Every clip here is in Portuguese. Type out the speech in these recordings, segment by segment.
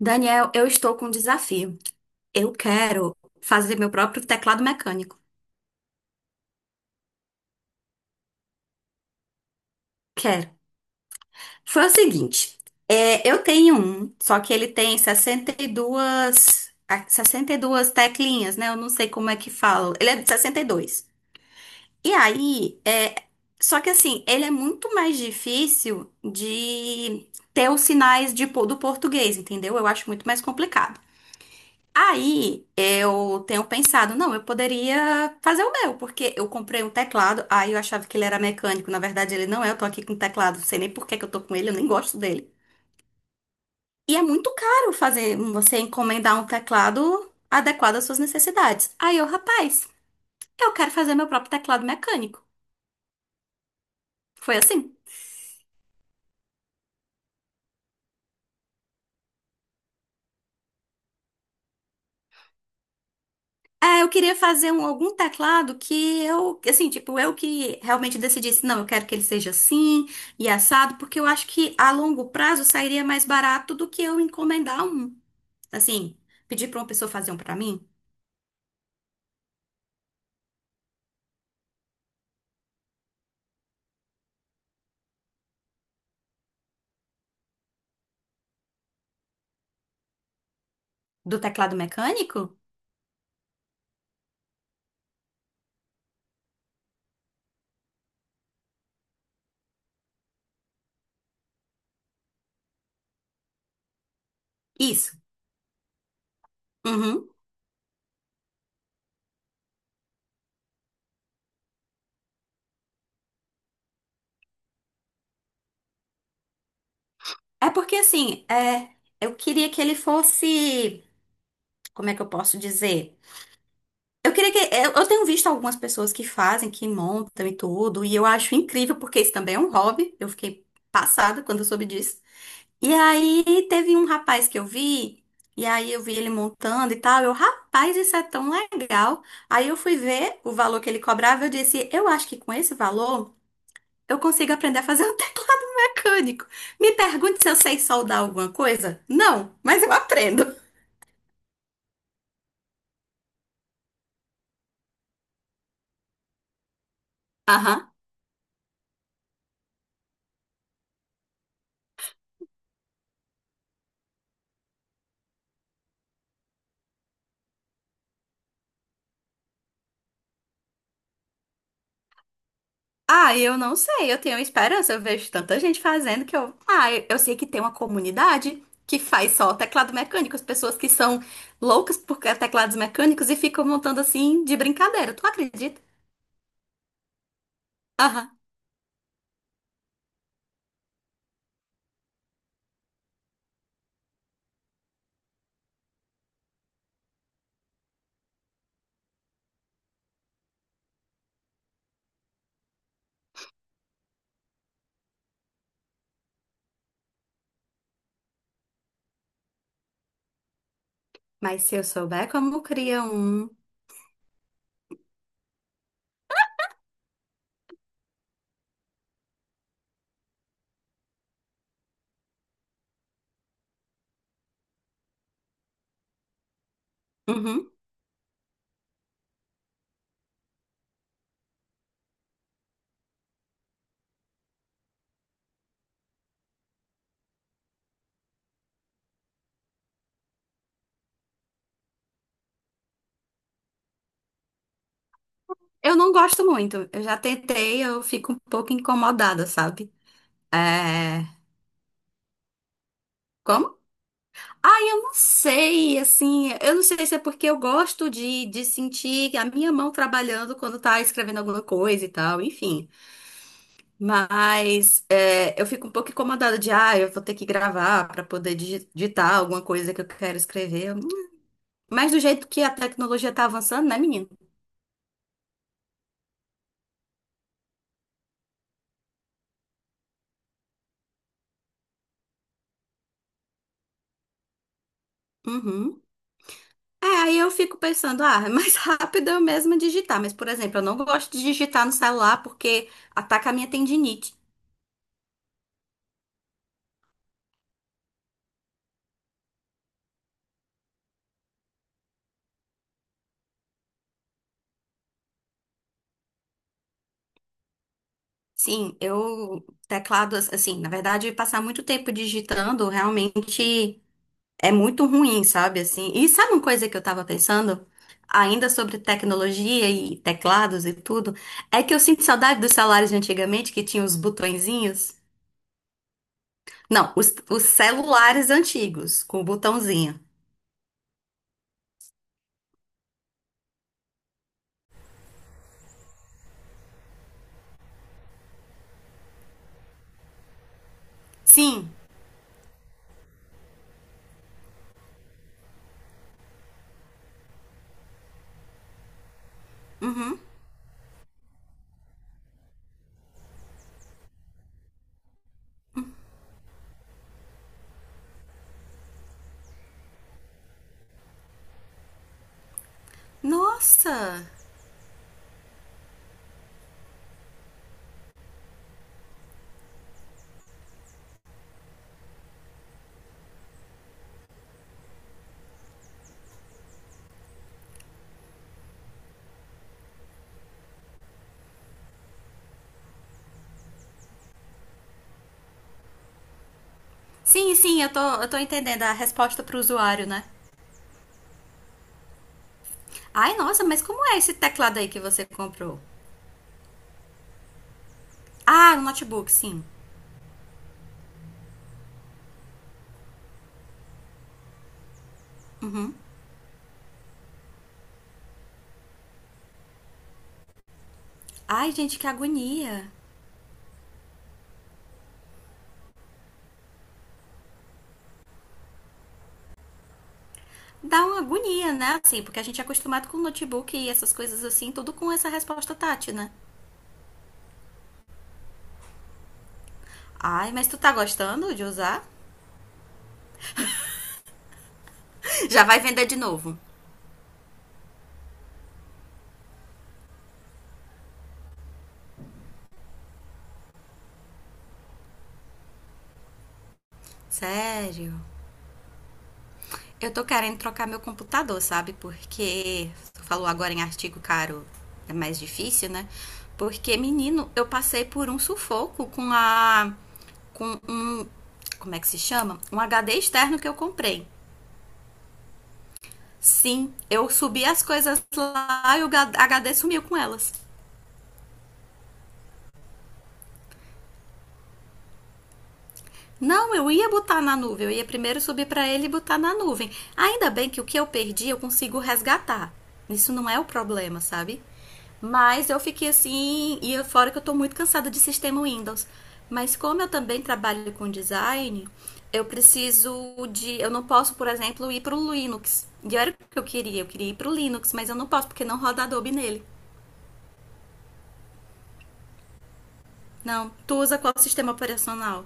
Daniel, eu estou com um desafio. Eu quero fazer meu próprio teclado mecânico. Quero. Foi o seguinte, eu tenho um, só que ele tem 62, 62 teclinhas, né? Eu não sei como é que fala. Ele é de 62. E dois. E aí, só que assim, ele é muito mais difícil de ter os sinais de, do português, entendeu? Eu acho muito mais complicado. Aí eu tenho pensado, não, eu poderia fazer o meu, porque eu comprei um teclado, aí eu achava que ele era mecânico, na verdade ele não é, eu tô aqui com um teclado, não sei nem por que que eu tô com ele, eu nem gosto dele. E é muito caro fazer você encomendar um teclado adequado às suas necessidades. Aí eu, rapaz, eu quero fazer meu próprio teclado mecânico. Foi assim. É, eu queria fazer um, algum teclado que eu, assim, tipo, eu que realmente decidisse, não, eu quero que ele seja assim e assado, porque eu acho que a longo prazo sairia mais barato do que eu encomendar um. Assim, pedir pra uma pessoa fazer um pra mim, do teclado mecânico? Isso. Uhum. É porque, assim, eu queria que ele fosse, como é que eu posso dizer? Eu queria que. Eu tenho visto algumas pessoas que fazem, que montam e tudo, e eu acho incrível, porque isso também é um hobby. Eu fiquei passada quando eu soube disso. E aí teve um rapaz que eu vi, e aí eu vi ele montando e tal. Eu, rapaz, isso é tão legal. Aí eu fui ver o valor que ele cobrava, eu disse, eu acho que com esse valor eu consigo aprender a fazer um teclado mecânico. Me pergunte se eu sei soldar alguma coisa? Não, mas eu aprendo. Aham. Ah, eu não sei, eu tenho esperança, eu vejo tanta gente fazendo que eu. Ah, eu sei que tem uma comunidade que faz só teclado mecânico, as pessoas que são loucas por teclados mecânicos e ficam montando assim de brincadeira, tu acredita? Aham. Mas se eu souber como cria um. Uhum. Eu não gosto muito, eu já tentei, eu fico um pouco incomodada, sabe? É. Como? Ai, eu não sei, assim, eu não sei se é porque eu gosto de, sentir a minha mão trabalhando quando tá escrevendo alguma coisa e tal, enfim. Mas é, eu fico um pouco incomodada de, ah, eu vou ter que gravar pra poder digitar alguma coisa que eu quero escrever. Mas do jeito que a tecnologia tá avançando, né, menino? Uhum. É, aí eu fico pensando, ah, é mais rápido eu mesma digitar. Mas, por exemplo, eu não gosto de digitar no celular porque ataca a minha tendinite. Sim, eu teclado assim, na verdade, passar muito tempo digitando realmente é muito ruim, sabe? Assim, e sabe uma coisa que eu tava pensando ainda sobre tecnologia e teclados e tudo, é que eu sinto saudade dos celulares de antigamente que tinham os botõezinhos. Não, os celulares antigos com o botãozinho. Sim. Uhum. Nossa. Sim, sim, eu tô entendendo a resposta pro usuário, né? Ai, nossa, mas como é esse teclado aí que você comprou? Ah, um notebook, sim. Ai, gente, que agonia. Dá uma agonia, né? Assim, porque a gente é acostumado com notebook e essas coisas assim, tudo com essa resposta tátil, né? Ai, mas tu tá gostando de usar? Já vai vender de novo. Sério. Eu tô querendo trocar meu computador, sabe? Porque tu falou agora em artigo caro, é mais difícil, né? Porque, menino, eu passei por um sufoco com um, como é que se chama? Um HD externo que eu comprei. Sim, eu subi as coisas lá e o HD sumiu com elas. Não, eu ia botar na nuvem. Eu ia primeiro subir para ele e botar na nuvem. Ainda bem que o que eu perdi eu consigo resgatar. Isso não é o problema, sabe? Mas eu fiquei assim, e fora que eu tô muito cansada de sistema Windows. Mas como eu também trabalho com design, eu preciso de. Eu não posso, por exemplo, ir pro Linux. E era o que eu queria ir pro Linux, mas eu não posso porque não roda Adobe nele. Não, tu usa qual sistema operacional?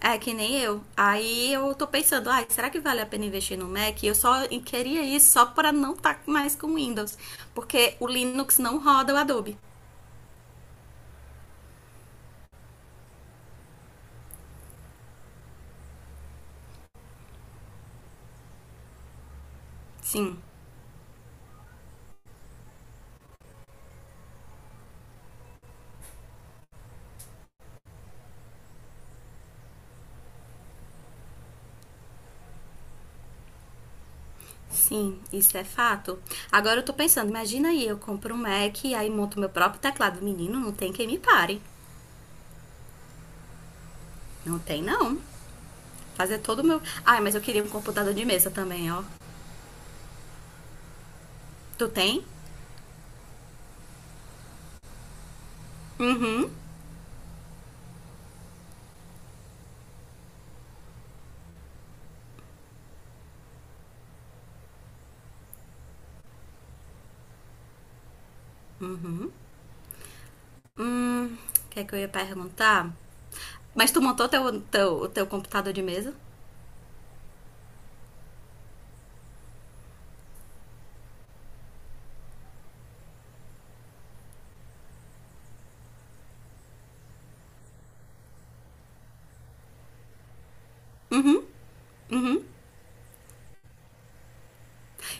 É que nem eu. Aí eu tô pensando, ai, será que vale a pena investir no Mac? Eu só queria isso só para não estar mais com Windows, porque o Linux não roda o Adobe. Sim, sim, isso é fato. Agora eu tô pensando, imagina aí, eu compro um Mac e aí monto meu próprio teclado. Menino, não tem quem me pare. Não tem não. Fazer todo o meu. Ai, mas eu queria um computador de mesa também, ó. Tu tem? Uhum. O que é que eu ia perguntar? Mas tu montou o teu computador de mesa.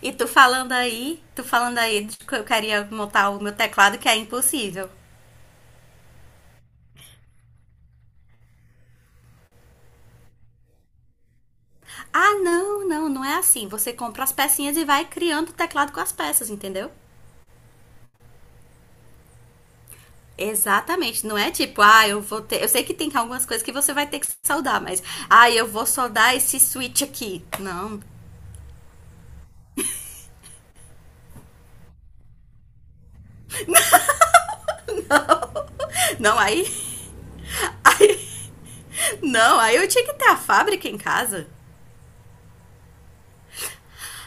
E tu falando aí de que eu queria montar o meu teclado, que é impossível. Ah, não, não, não é assim. Você compra as pecinhas e vai criando o teclado com as peças, entendeu? Exatamente, não é tipo, ah, eu vou ter. Eu sei que tem algumas coisas que você vai ter que soldar, mas. Ah, eu vou soldar esse switch aqui. Não, não, aí. Não, aí eu tinha que ter a fábrica em casa.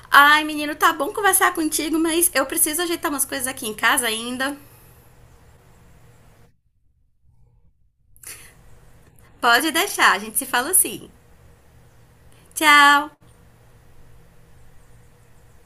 Ai, menino, tá bom conversar contigo, mas eu preciso ajeitar umas coisas aqui em casa ainda. Pode deixar, a gente se fala assim. Tchau!